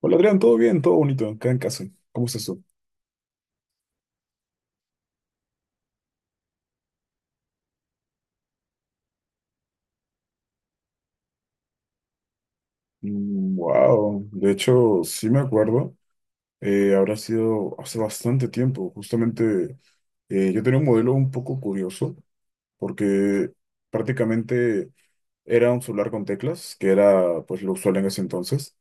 Hola Adrián, todo bien, todo bonito, acá en casa. ¿Cómo es eso? Wow, de hecho, sí me acuerdo. Habrá sido hace bastante tiempo. Justamente yo tenía un modelo un poco curioso porque prácticamente era un celular con teclas, que era pues lo usual en ese entonces.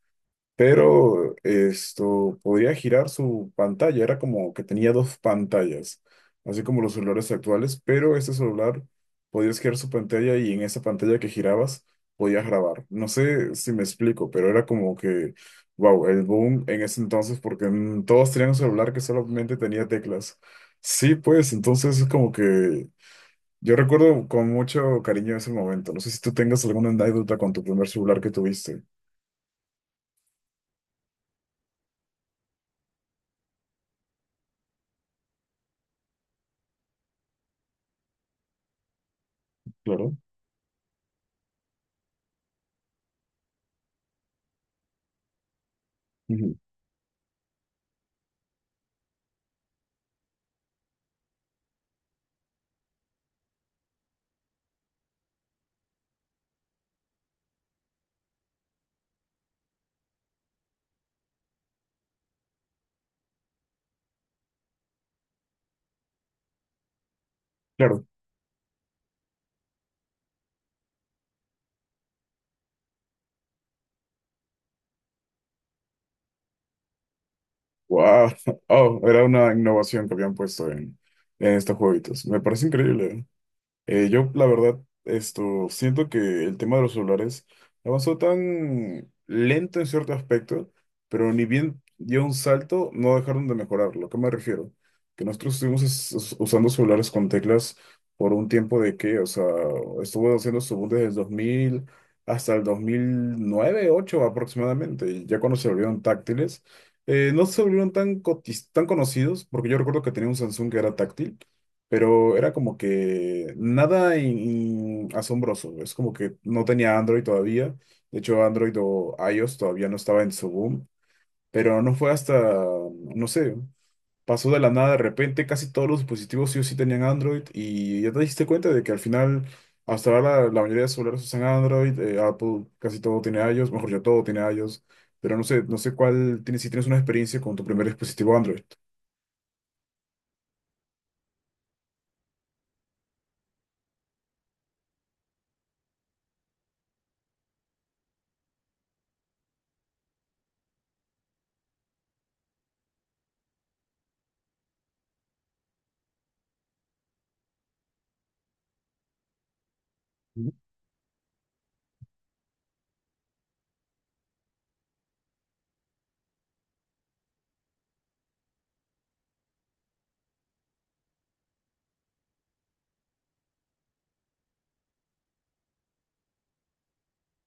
Pero esto podía girar su pantalla, era como que tenía dos pantallas, así como los celulares actuales, pero este celular podías girar su pantalla y en esa pantalla que girabas podías grabar. No sé si me explico, pero era como que, wow, el boom en ese entonces porque todos tenían un celular que solamente tenía teclas. Sí, pues entonces es como que yo recuerdo con mucho cariño ese momento. No sé si tú tengas alguna anécdota con tu primer celular que tuviste. Claro. Ujú. Claro. Wow. Oh, era una innovación que habían puesto en estos jueguitos. Me parece increíble. Yo, la verdad, esto, siento que el tema de los celulares avanzó tan lento en cierto aspecto, pero ni bien dio un salto, no dejaron de mejorarlo. ¿A qué me refiero? Que nosotros estuvimos usando celulares con teclas por un tiempo de que, o sea, estuvo haciendo su boom desde el 2000 hasta el dos mil nueve ocho aproximadamente, y ya cuando se volvieron táctiles, no se volvieron tan conocidos, porque yo recuerdo que tenía un Samsung que era táctil, pero era como que nada asombroso. Es como que no tenía Android todavía. De hecho, Android o iOS todavía no estaba en su boom, pero no fue hasta, no sé, pasó de la nada de repente. Casi todos los dispositivos sí o sí tenían Android y ya te diste cuenta de que al final, hasta ahora la mayoría de celulares usan Android, Apple casi todo tiene iOS, mejor ya todo tiene iOS. Pero no sé, no sé cuál tienes, si tienes una experiencia con tu primer dispositivo Android. Mm.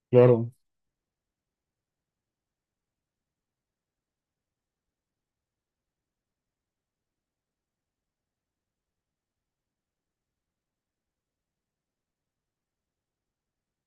Claro.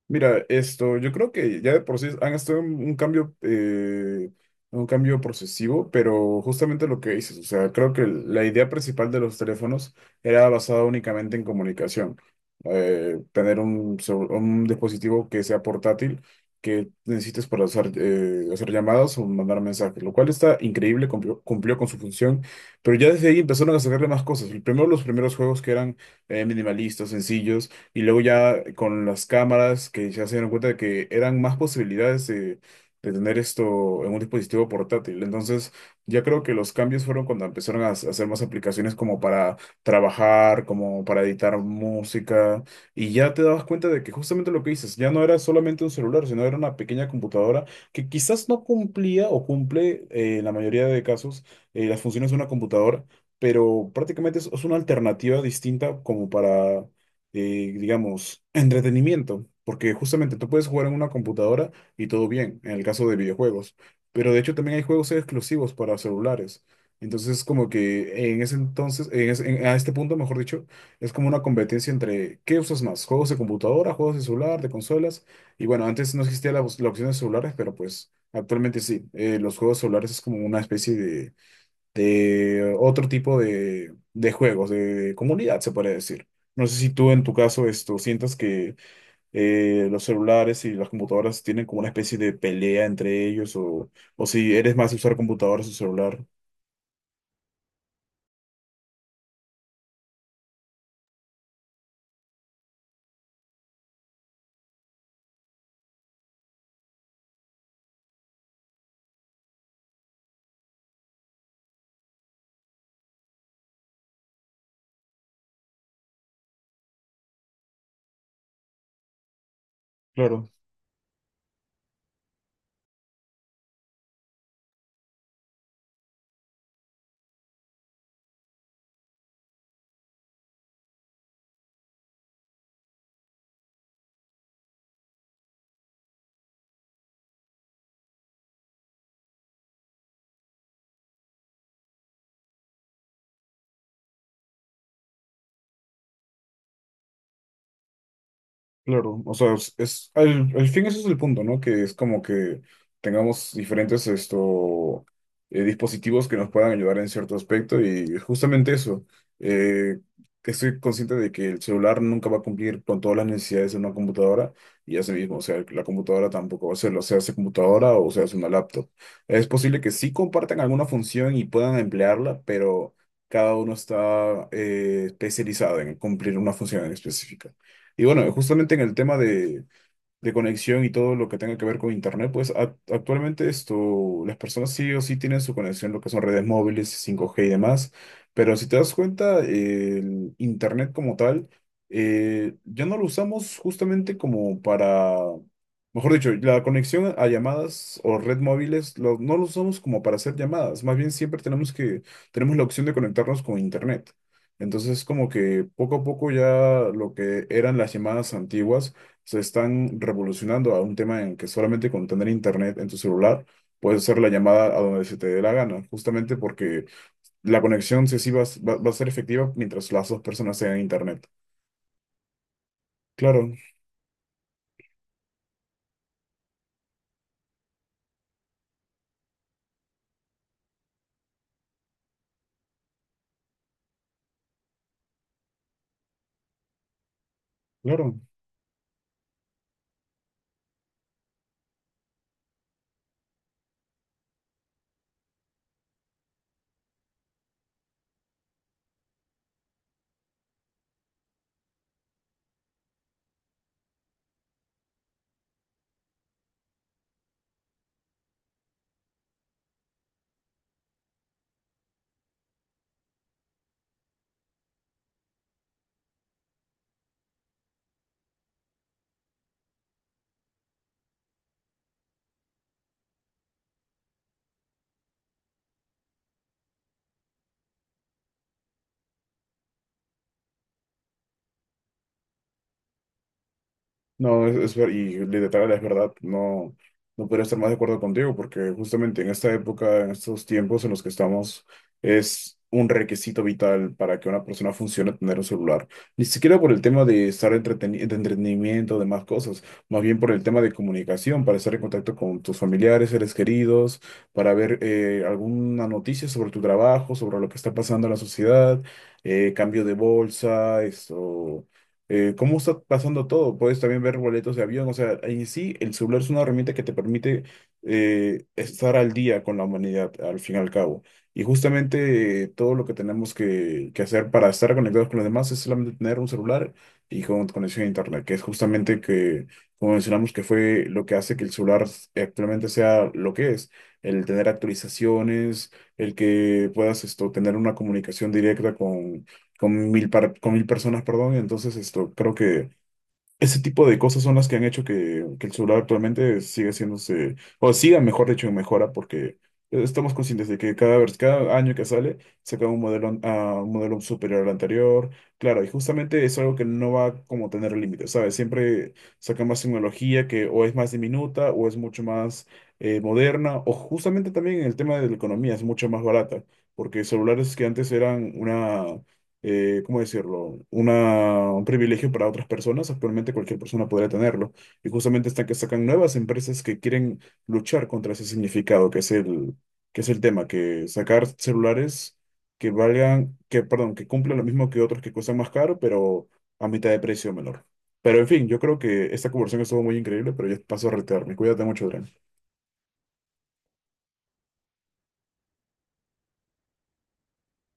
Mira, esto, yo creo que ya de por sí han estado en un cambio procesivo, pero justamente lo que dices, o sea, creo que la idea principal de los teléfonos era basada únicamente en comunicación. Tener un, un dispositivo que sea portátil, que necesites para hacer, hacer llamadas o mandar mensajes, lo cual está increíble, cumplió, cumplió con su función, pero ya desde ahí empezaron a sacarle más cosas. Primero, los primeros juegos que eran minimalistas, sencillos, y luego ya con las cámaras que ya se dieron cuenta de que eran más posibilidades de tener esto en un dispositivo portátil. Entonces, ya creo que los cambios fueron cuando empezaron a hacer más aplicaciones como para trabajar, como para editar música. Y ya te dabas cuenta de que justamente lo que dices, ya no era solamente un celular, sino era una pequeña computadora que quizás no cumplía o cumple en la mayoría de casos las funciones de una computadora. Pero prácticamente es una alternativa distinta como para digamos, entretenimiento, porque justamente tú puedes jugar en una computadora y todo bien, en el caso de videojuegos, pero de hecho también hay juegos exclusivos para celulares. Entonces, como que en ese entonces, a este punto, mejor dicho, es como una competencia entre qué usas más, juegos de computadora, juegos de celular, de consolas. Y bueno, antes no existía la opción de celulares, pero pues actualmente sí. Los juegos celulares es como una especie de otro tipo de juegos, de comunidad, se podría decir. No sé si tú en tu caso esto sientas que los celulares y las computadoras tienen como una especie de pelea entre ellos, o si eres más de usar computadoras o celular. Claro. Claro, o sea, al fin ese es el punto, ¿no? Que es como que tengamos diferentes esto, dispositivos que nos puedan ayudar en cierto aspecto y justamente eso, eh, que estoy consciente de que el celular nunca va a cumplir con todas las necesidades de una computadora y, así mismo, o sea, la computadora tampoco va a hacerlo, sea hace computadora o sea hace una laptop. Es posible que sí compartan alguna función y puedan emplearla, pero cada uno está especializado en cumplir una función en específica. Y bueno, justamente en el tema de, conexión y todo lo que tenga que ver con internet, pues actualmente esto, las personas sí o sí tienen su conexión, lo que son redes móviles, 5G y demás, pero si te das cuenta, el internet como tal, ya no lo usamos justamente como para, mejor dicho, la conexión a llamadas o red móviles, no lo usamos como para hacer llamadas, más bien siempre tenemos la opción de conectarnos con internet. Entonces, como que poco a poco ya lo que eran las llamadas antiguas, se están revolucionando a un tema en que solamente con tener internet en tu celular puedes hacer la llamada a donde se te dé la gana, justamente porque la conexión sí, sí va a ser efectiva mientras las dos personas tengan internet. Claro, claro. No, y literal, es verdad, no, no podría estar más de acuerdo contigo, porque justamente en esta época, en estos tiempos en los que estamos, es un requisito vital para que una persona funcione tener un celular. Ni siquiera por el tema de estar de entretenimiento, de más cosas, más bien por el tema de comunicación, para estar en contacto con tus familiares, seres queridos, para ver alguna noticia sobre tu trabajo, sobre lo que está pasando en la sociedad, cambio de bolsa, esto, cómo está pasando todo. Puedes también ver boletos de avión. O sea, en sí, el celular es una herramienta que te permite estar al día con la humanidad, al fin y al cabo. Y justamente todo lo que tenemos que hacer para estar conectados con los demás es solamente tener un celular y con conexión a Internet, que es justamente que, como mencionamos, que fue lo que hace que el celular actualmente sea lo que es, el tener actualizaciones, el que puedas esto, tener una comunicación directa con con mil personas, perdón. Entonces, esto, creo que ese tipo de cosas son las que han hecho que el celular actualmente siga haciéndose, o siga, mejor dicho, en mejora, porque estamos conscientes de que vez cada año que sale, saca un modelo, un modelo superior al anterior. Claro, y justamente es algo que no va como a tener límites, ¿sabes? Siempre sacan más tecnología que o es más diminuta o es mucho más moderna, o justamente también en el tema de la economía es mucho más barata, porque celulares que antes eran una ¿cómo decirlo? Un privilegio para otras personas. Actualmente cualquier persona podría tenerlo. Y justamente están que sacan nuevas empresas que quieren luchar contra ese significado, que es el, tema, que sacar celulares que valgan, que, perdón, que cumplan lo mismo que otros que cuestan más caro, pero a mitad de precio menor. Pero en fin, yo creo que esta conversación estuvo muy increíble, pero yo paso a retirarme. Cuídate mucho, Adrián.